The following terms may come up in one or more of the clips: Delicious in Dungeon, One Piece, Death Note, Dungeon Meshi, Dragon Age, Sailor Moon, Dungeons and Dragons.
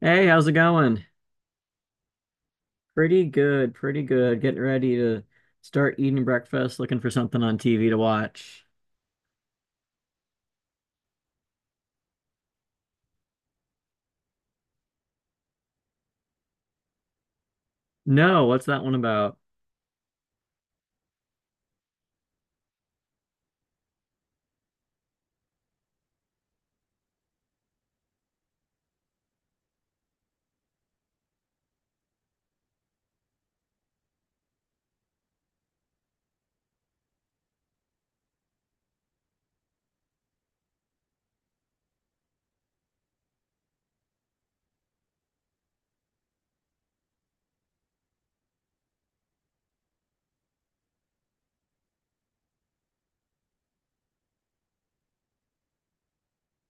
Hey, how's it going? Pretty good, pretty good. Getting ready to start eating breakfast, looking for something on TV to watch. No, what's that one about?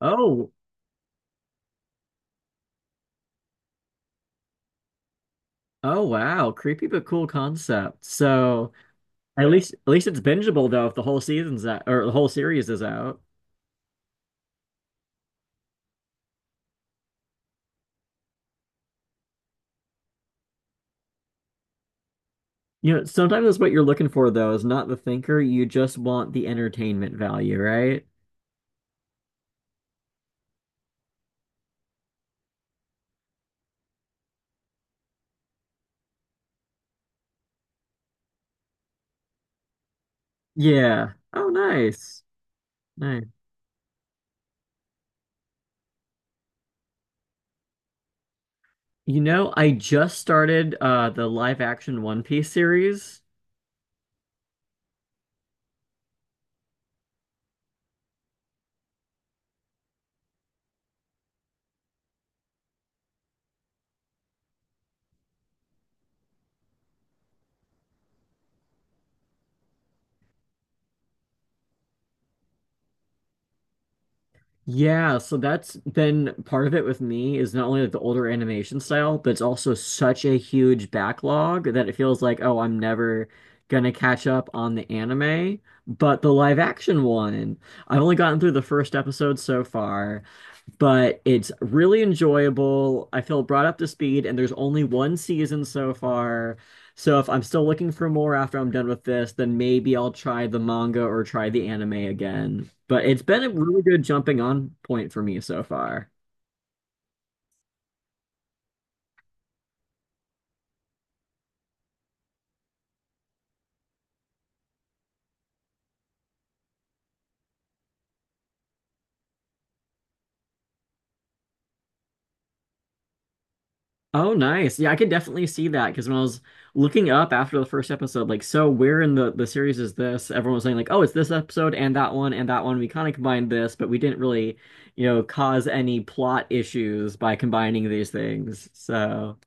Oh, oh wow, creepy but cool concept. So at least it's bingeable though if the whole season's out or the whole series is out. You know, sometimes that's what you're looking for though, is not the thinker. You just want the entertainment value, right? Yeah. Oh, nice. Nice. You know, I just started the live action One Piece series. Yeah, so that's been part of it with me is not only like the older animation style, but it's also such a huge backlog that it feels like, oh, I'm never gonna catch up on the anime. But the live action one, I've only gotten through the first episode so far but it's really enjoyable. I feel brought up to speed, and there's only one season so far. So if I'm still looking for more after I'm done with this, then maybe I'll try the manga or try the anime again. But it's been a really good jumping on point for me so far. Oh, nice. Yeah, I could definitely see that because when I was looking up after the first episode, like, so where in the series is this? Everyone was saying like, oh, it's this episode and that one and that one. We kind of combined this, but we didn't really, cause any plot issues by combining these things. So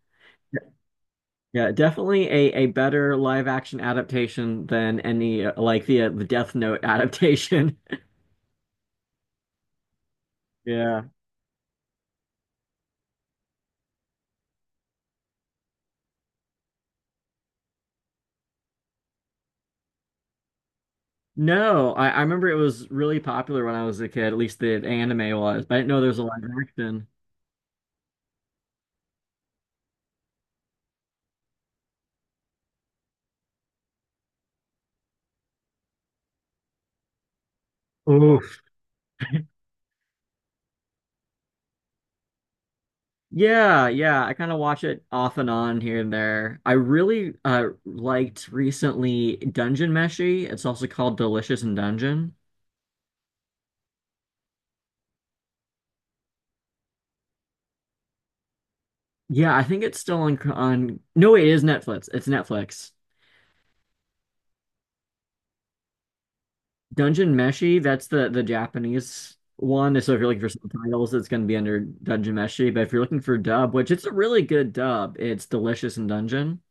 yeah, definitely a better live action adaptation than any like the Death Note adaptation. Yeah. No, I remember it was really popular when I was a kid. At least the anime was, but I didn't know there was a live action. Oof. Yeah, yeah, I kind of watch it off and on here and there. I really liked recently Dungeon Meshi. It's also called Delicious in Dungeon. Yeah, I think it's still on No, wait, it is Netflix. It's Netflix. Dungeon Meshi, that's the Japanese one. So if you're looking for subtitles, it's going to be under Dungeon Meshi, but if you're looking for dub, which it's a really good dub, it's Delicious in Dungeon.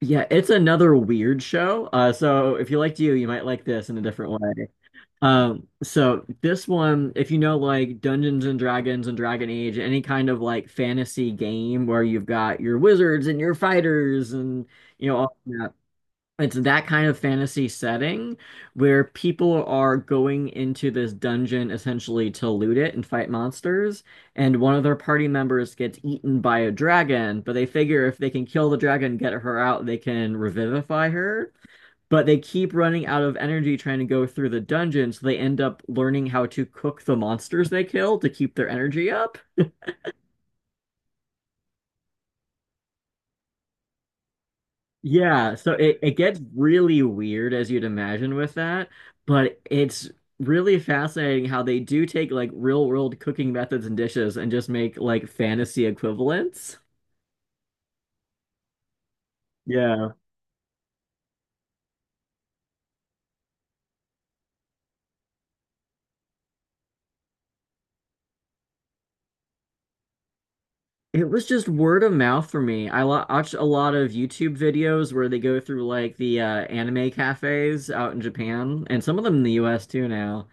Yeah, it's another weird show. So if you liked you, you might like this in a different way. So this one, if you know like Dungeons and Dragons and Dragon Age, any kind of like fantasy game where you've got your wizards and your fighters and you know all that, it's that kind of fantasy setting where people are going into this dungeon essentially to loot it and fight monsters, and one of their party members gets eaten by a dragon, but they figure if they can kill the dragon, get her out, they can revivify her but they keep running out of energy trying to go through the dungeon, so they end up learning how to cook the monsters they kill to keep their energy up. Yeah, so it gets really weird as you'd imagine with that, but it's really fascinating how they do take like real world cooking methods and dishes and just make like fantasy equivalents. Yeah. It was just word of mouth for me. I watched a lot of YouTube videos where they go through like the anime cafes out in Japan and some of them in the US too now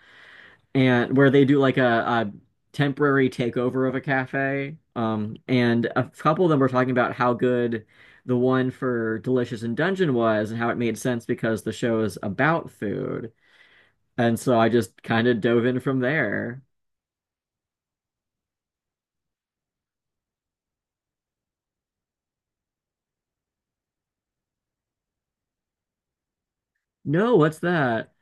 and where they do like a temporary takeover of a cafe. And a couple of them were talking about how good the one for Delicious in Dungeon was and how it made sense because the show is about food. And so I just kind of dove in from there. No, what's that?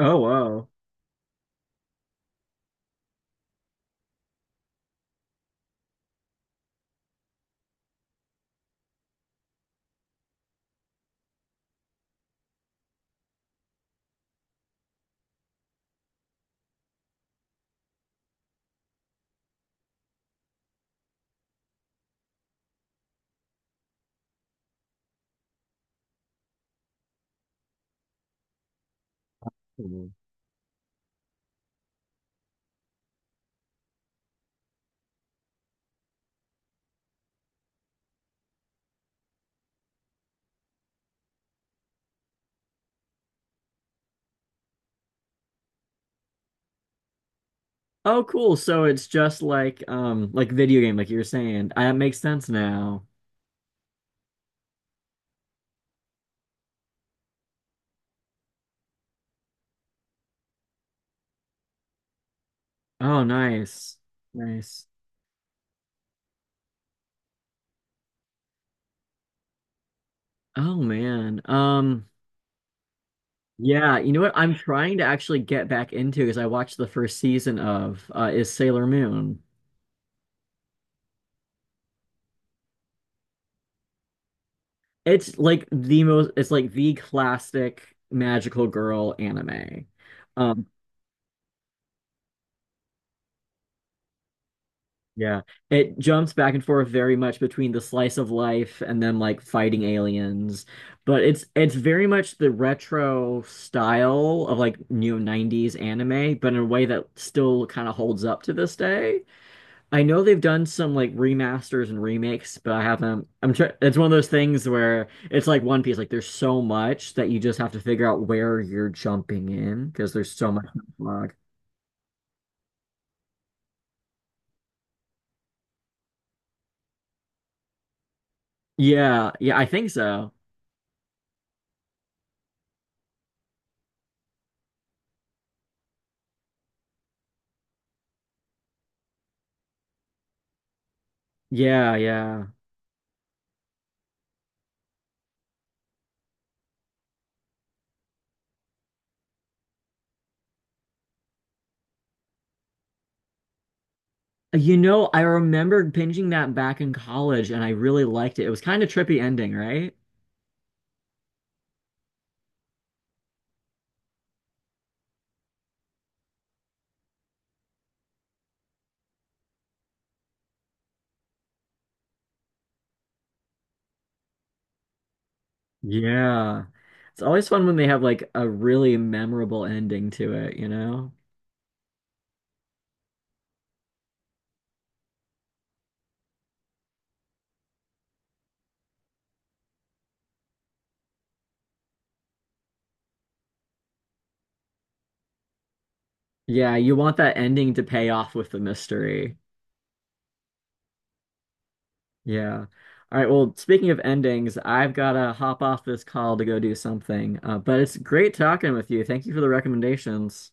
Oh, whoa. Mhm. Oh, cool. So it's just like video game, like you were saying. That makes sense now. Oh, nice. Nice. Oh man. Yeah, you know what? I'm trying to actually get back into because I watched the first season of is Sailor Moon. It's like the most. It's like the classic magical girl anime. Um, yeah, it jumps back and forth very much between the slice of life and them like fighting aliens, but it's very much the retro style of like new 90s anime, but in a way that still kind of holds up to this day. I know they've done some like remasters and remakes, but I haven't. I'm trying. It's one of those things where it's like One Piece. Like there's so much that you just have to figure out where you're jumping in because there's so much backlog. Yeah, yeah, I think so. Yeah, yeah. You know, I remembered binging that back in college, and I really liked it. It was kind of trippy ending, right? Yeah. It's always fun when they have like a really memorable ending to it, you know? Yeah, you want that ending to pay off with the mystery. Yeah. All right. Well, speaking of endings, I've got to hop off this call to go do something. But it's great talking with you. Thank you for the recommendations.